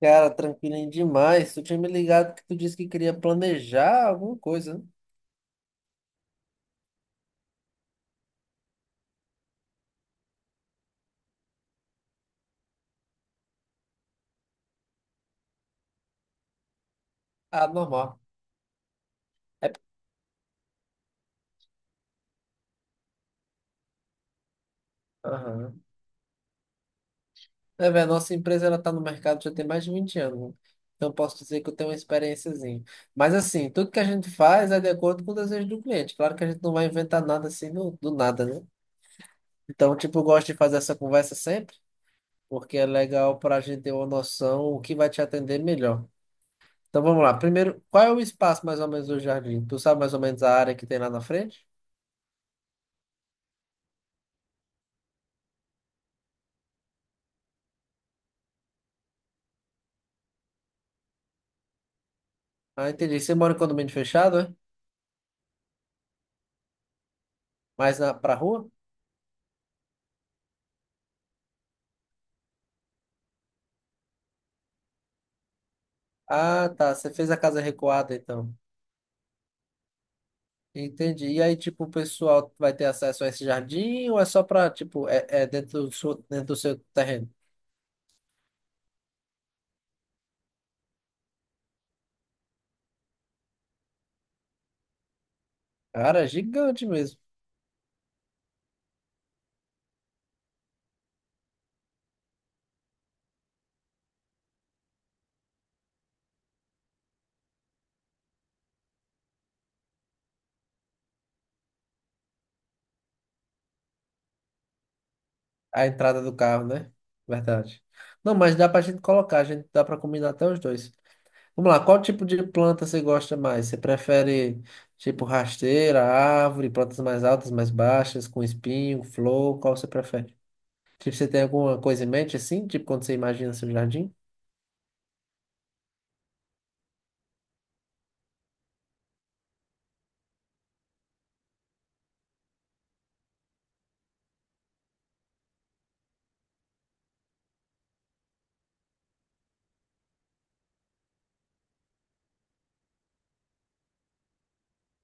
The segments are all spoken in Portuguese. Cara, tranquilinho demais. Tu tinha me ligado que tu disse que queria planejar alguma coisa, né? Ah, normal. É, aham. É, velho, nossa empresa ela tá no mercado já tem mais de 20 anos, né? Então eu posso dizer que eu tenho uma experiênciazinha. Mas assim, tudo que a gente faz é de acordo com o desejo do cliente. Claro que a gente não vai inventar nada assim do nada, né? Então, tipo, eu gosto de fazer essa conversa sempre, porque é legal para a gente ter uma noção o que vai te atender melhor. Então vamos lá. Primeiro, qual é o espaço mais ou menos do jardim? Tu sabe mais ou menos a área que tem lá na frente? Ah, entendi. Você mora em condomínio fechado, é? Mais pra rua? Ah, tá. Você fez a casa recuada, então. Entendi. E aí, tipo, o pessoal vai ter acesso a esse jardim ou é só pra, tipo, é dentro do seu terreno? Cara, é gigante mesmo. A entrada do carro, né? Verdade. Não, mas dá pra gente colocar, a gente dá pra combinar até os dois. Vamos lá, qual tipo de planta você gosta mais? Você prefere, tipo, rasteira, árvore, plantas mais altas, mais baixas, com espinho, flor? Qual você prefere? Tipo, você tem alguma coisa em mente assim? Tipo, quando você imagina seu jardim?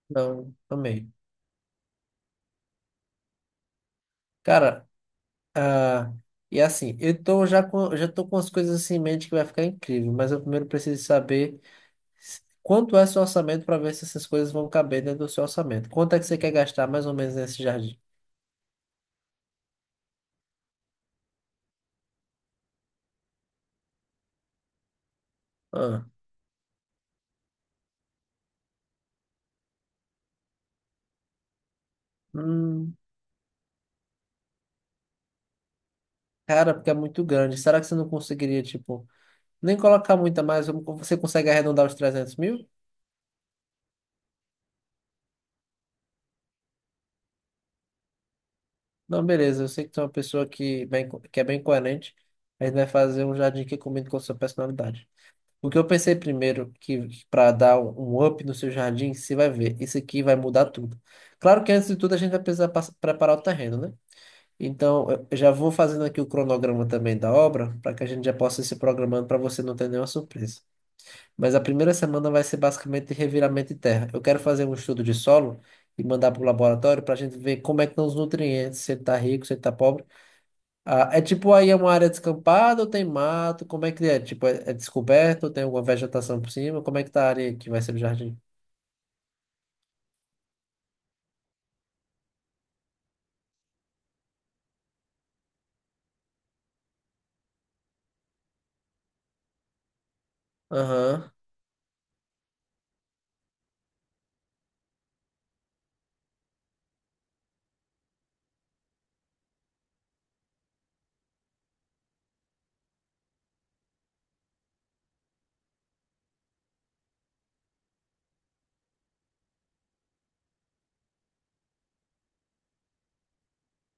Não, amei. Cara, ah, e assim, eu tô já com, já tô com as coisas assim em mente que vai ficar incrível, mas eu primeiro preciso saber quanto é seu orçamento para ver se essas coisas vão caber dentro do seu orçamento. Quanto é que você quer gastar mais ou menos nesse jardim? Ah, hum, cara, porque é muito grande. Será que você não conseguiria, tipo, nem colocar muita mais? Você consegue arredondar os 300 mil? Não, beleza, eu sei que tu é uma pessoa que, bem, que é bem coerente, a gente vai fazer um jardim que combine com a sua personalidade. O que eu pensei primeiro, que para dar um up no seu jardim, você vai ver, isso aqui vai mudar tudo. Claro que antes de tudo a gente vai precisar preparar o terreno, né? Então, eu já vou fazendo aqui o cronograma também da obra, para que a gente já possa ir se programando para você não ter nenhuma surpresa. Mas a primeira semana vai ser basicamente reviramento de terra. Eu quero fazer um estudo de solo e mandar para o laboratório para a gente ver como é que estão os nutrientes, se ele está rico, se ele está pobre. É, tipo, aí é uma área descampada ou tem mato? Como é que é? Tipo, é descoberto ou tem alguma vegetação por cima? Como é que tá a área que vai ser o jardim? Aham.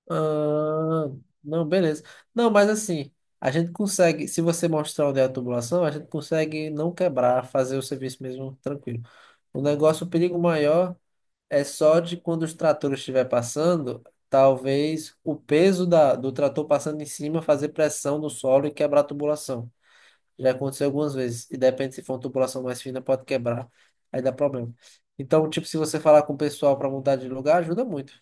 Ah, não, beleza. Não, mas assim, a gente consegue, se você mostrar onde é a tubulação, a gente consegue não quebrar, fazer o serviço mesmo tranquilo. O negócio, o perigo maior é só de quando os tratores estiver passando, talvez o peso da, do trator passando em cima fazer pressão no solo e quebrar a tubulação. Já aconteceu algumas vezes. E depende se for uma tubulação mais fina, pode quebrar. Aí dá problema. Então, tipo, se você falar com o pessoal para mudar de lugar, ajuda muito.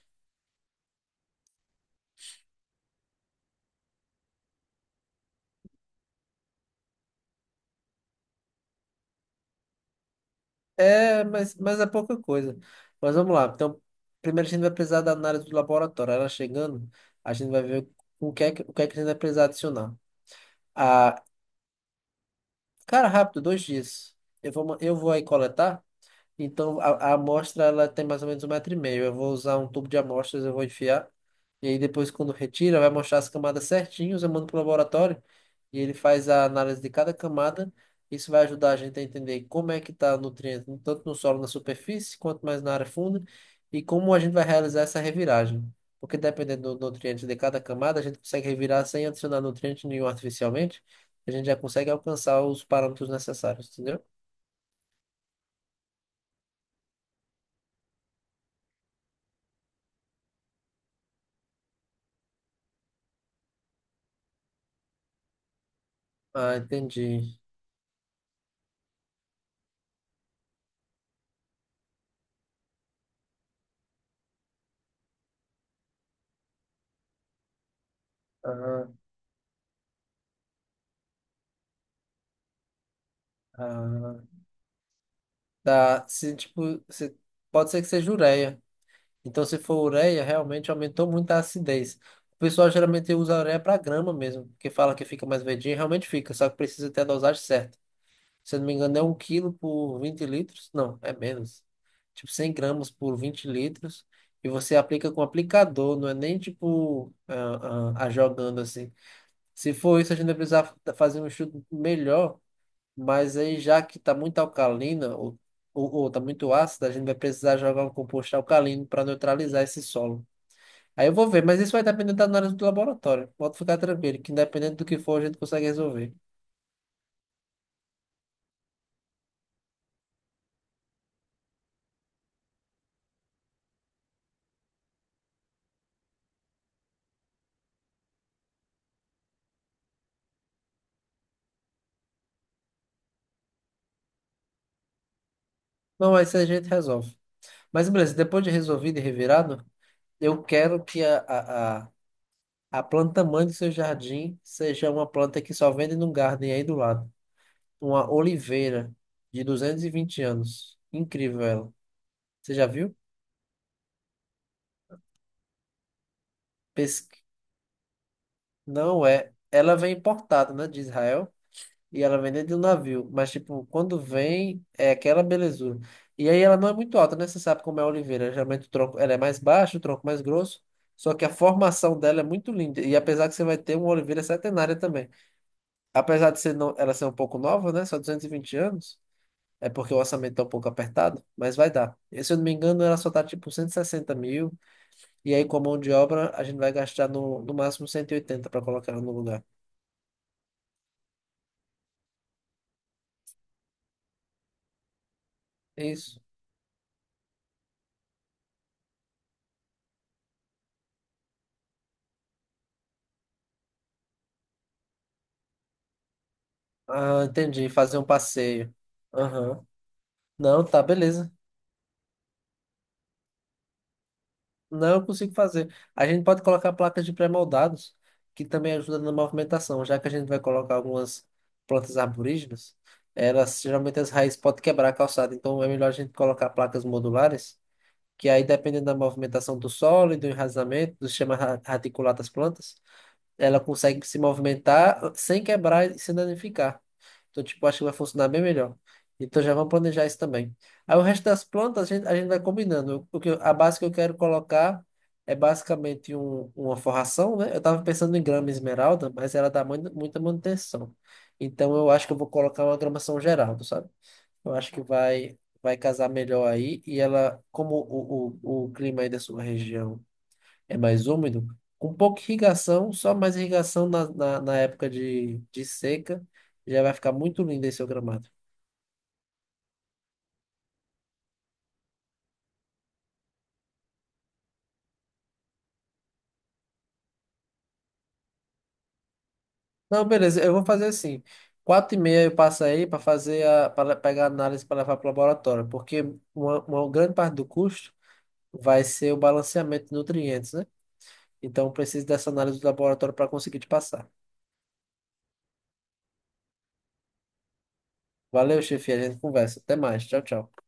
É, mas é pouca coisa. Mas vamos lá. Então, primeiro a gente vai precisar da análise do laboratório. Ela chegando, a gente vai ver o que é que a gente vai precisar adicionar. Ah, cara, rápido, 2 dias. Eu vou aí coletar. Então a amostra ela tem mais ou menos um metro e meio. Eu vou usar um tubo de amostras, eu vou enfiar. E aí depois quando retira, vai mostrar as camadas certinhas, eu mando pro laboratório e ele faz a análise de cada camada. Isso vai ajudar a gente a entender como é que está o nutriente, tanto no solo, na superfície, quanto mais na área funda, e como a gente vai realizar essa reviragem. Porque dependendo do nutriente de cada camada, a gente consegue revirar sem adicionar nutriente nenhum artificialmente, a gente já consegue alcançar os parâmetros necessários, entendeu? Ah, entendi. Aham. Ah, tá. Se, tipo, se, pode ser que seja ureia. Então, se for ureia, realmente aumentou muito a acidez. O pessoal geralmente usa a ureia para grama mesmo, porque fala que fica mais verdinho, realmente fica, só que precisa ter a dosagem certa. Se eu não me engano, é 1 quilo por 20 litros. Não, é menos. Tipo, 100 gramas por 20 litros. E você aplica com aplicador, não é nem tipo a jogando assim. Se for isso, a gente vai precisar fazer um estudo melhor, mas aí, já que está muito alcalina, ou tá muito ácida, a gente vai precisar jogar um composto alcalino para neutralizar esse solo. Aí eu vou ver, mas isso vai depender da análise do laboratório. Pode ficar tranquilo, que independente do que for, a gente consegue resolver. Não, mas isso a gente resolve. Mas beleza, depois de resolvido e revirado, eu quero que a planta mãe do seu jardim seja uma planta que só vende num garden aí do lado. Uma oliveira de 220 anos. Incrível ela. Você já viu? Não é. Ela vem importada, né, de Israel, e ela vem dentro de um navio. Mas, tipo, quando vem, é aquela belezura. E aí ela não é muito alta, né? Você sabe como é a oliveira. Geralmente o tronco, ela é mais baixa, o tronco mais grosso. Só que a formação dela é muito linda. E apesar que você vai ter uma oliveira centenária também. Apesar de ser não, ela ser um pouco nova, né? Só 220 anos. É porque o orçamento tá um pouco apertado, mas vai dar. E, se eu não me engano, ela só tá tipo 160 mil. E aí, com a mão de obra, a gente vai gastar no máximo 180 para colocar ela no lugar. É isso. Ah, entendi. Fazer um passeio. Aham. Não, tá, beleza. Não, eu consigo fazer. A gente pode colocar placas de pré-moldados, que também ajuda na movimentação, já que a gente vai colocar algumas plantas arborígenas, elas geralmente as raízes podem quebrar a calçada, então é melhor a gente colocar placas modulares, que aí dependendo da movimentação do solo e do enraizamento, do sistema radicular das plantas, ela consegue se movimentar sem quebrar e se danificar. Então, tipo, acho que vai funcionar bem melhor. Então já vamos planejar isso também. Aí o resto das plantas a gente vai combinando. O que, a base que eu quero colocar é basicamente um, uma forração, né? Eu estava pensando em grama esmeralda, mas ela dá muita, muita manutenção. Então eu acho que eu vou colocar uma grama São Geraldo, sabe? Eu acho que vai casar melhor aí. E ela, como o clima aí da sua região é mais úmido, com pouca irrigação, só mais irrigação na época de seca, já vai ficar muito lindo esse seu gramado. Não, beleza, eu vou fazer assim. 4h30 eu passo aí para para pegar a análise para levar para o laboratório, porque uma grande parte do custo vai ser o balanceamento de nutrientes, né? Então eu preciso dessa análise do laboratório para conseguir te passar. Valeu, chefe, a gente conversa. Até mais. Tchau, tchau.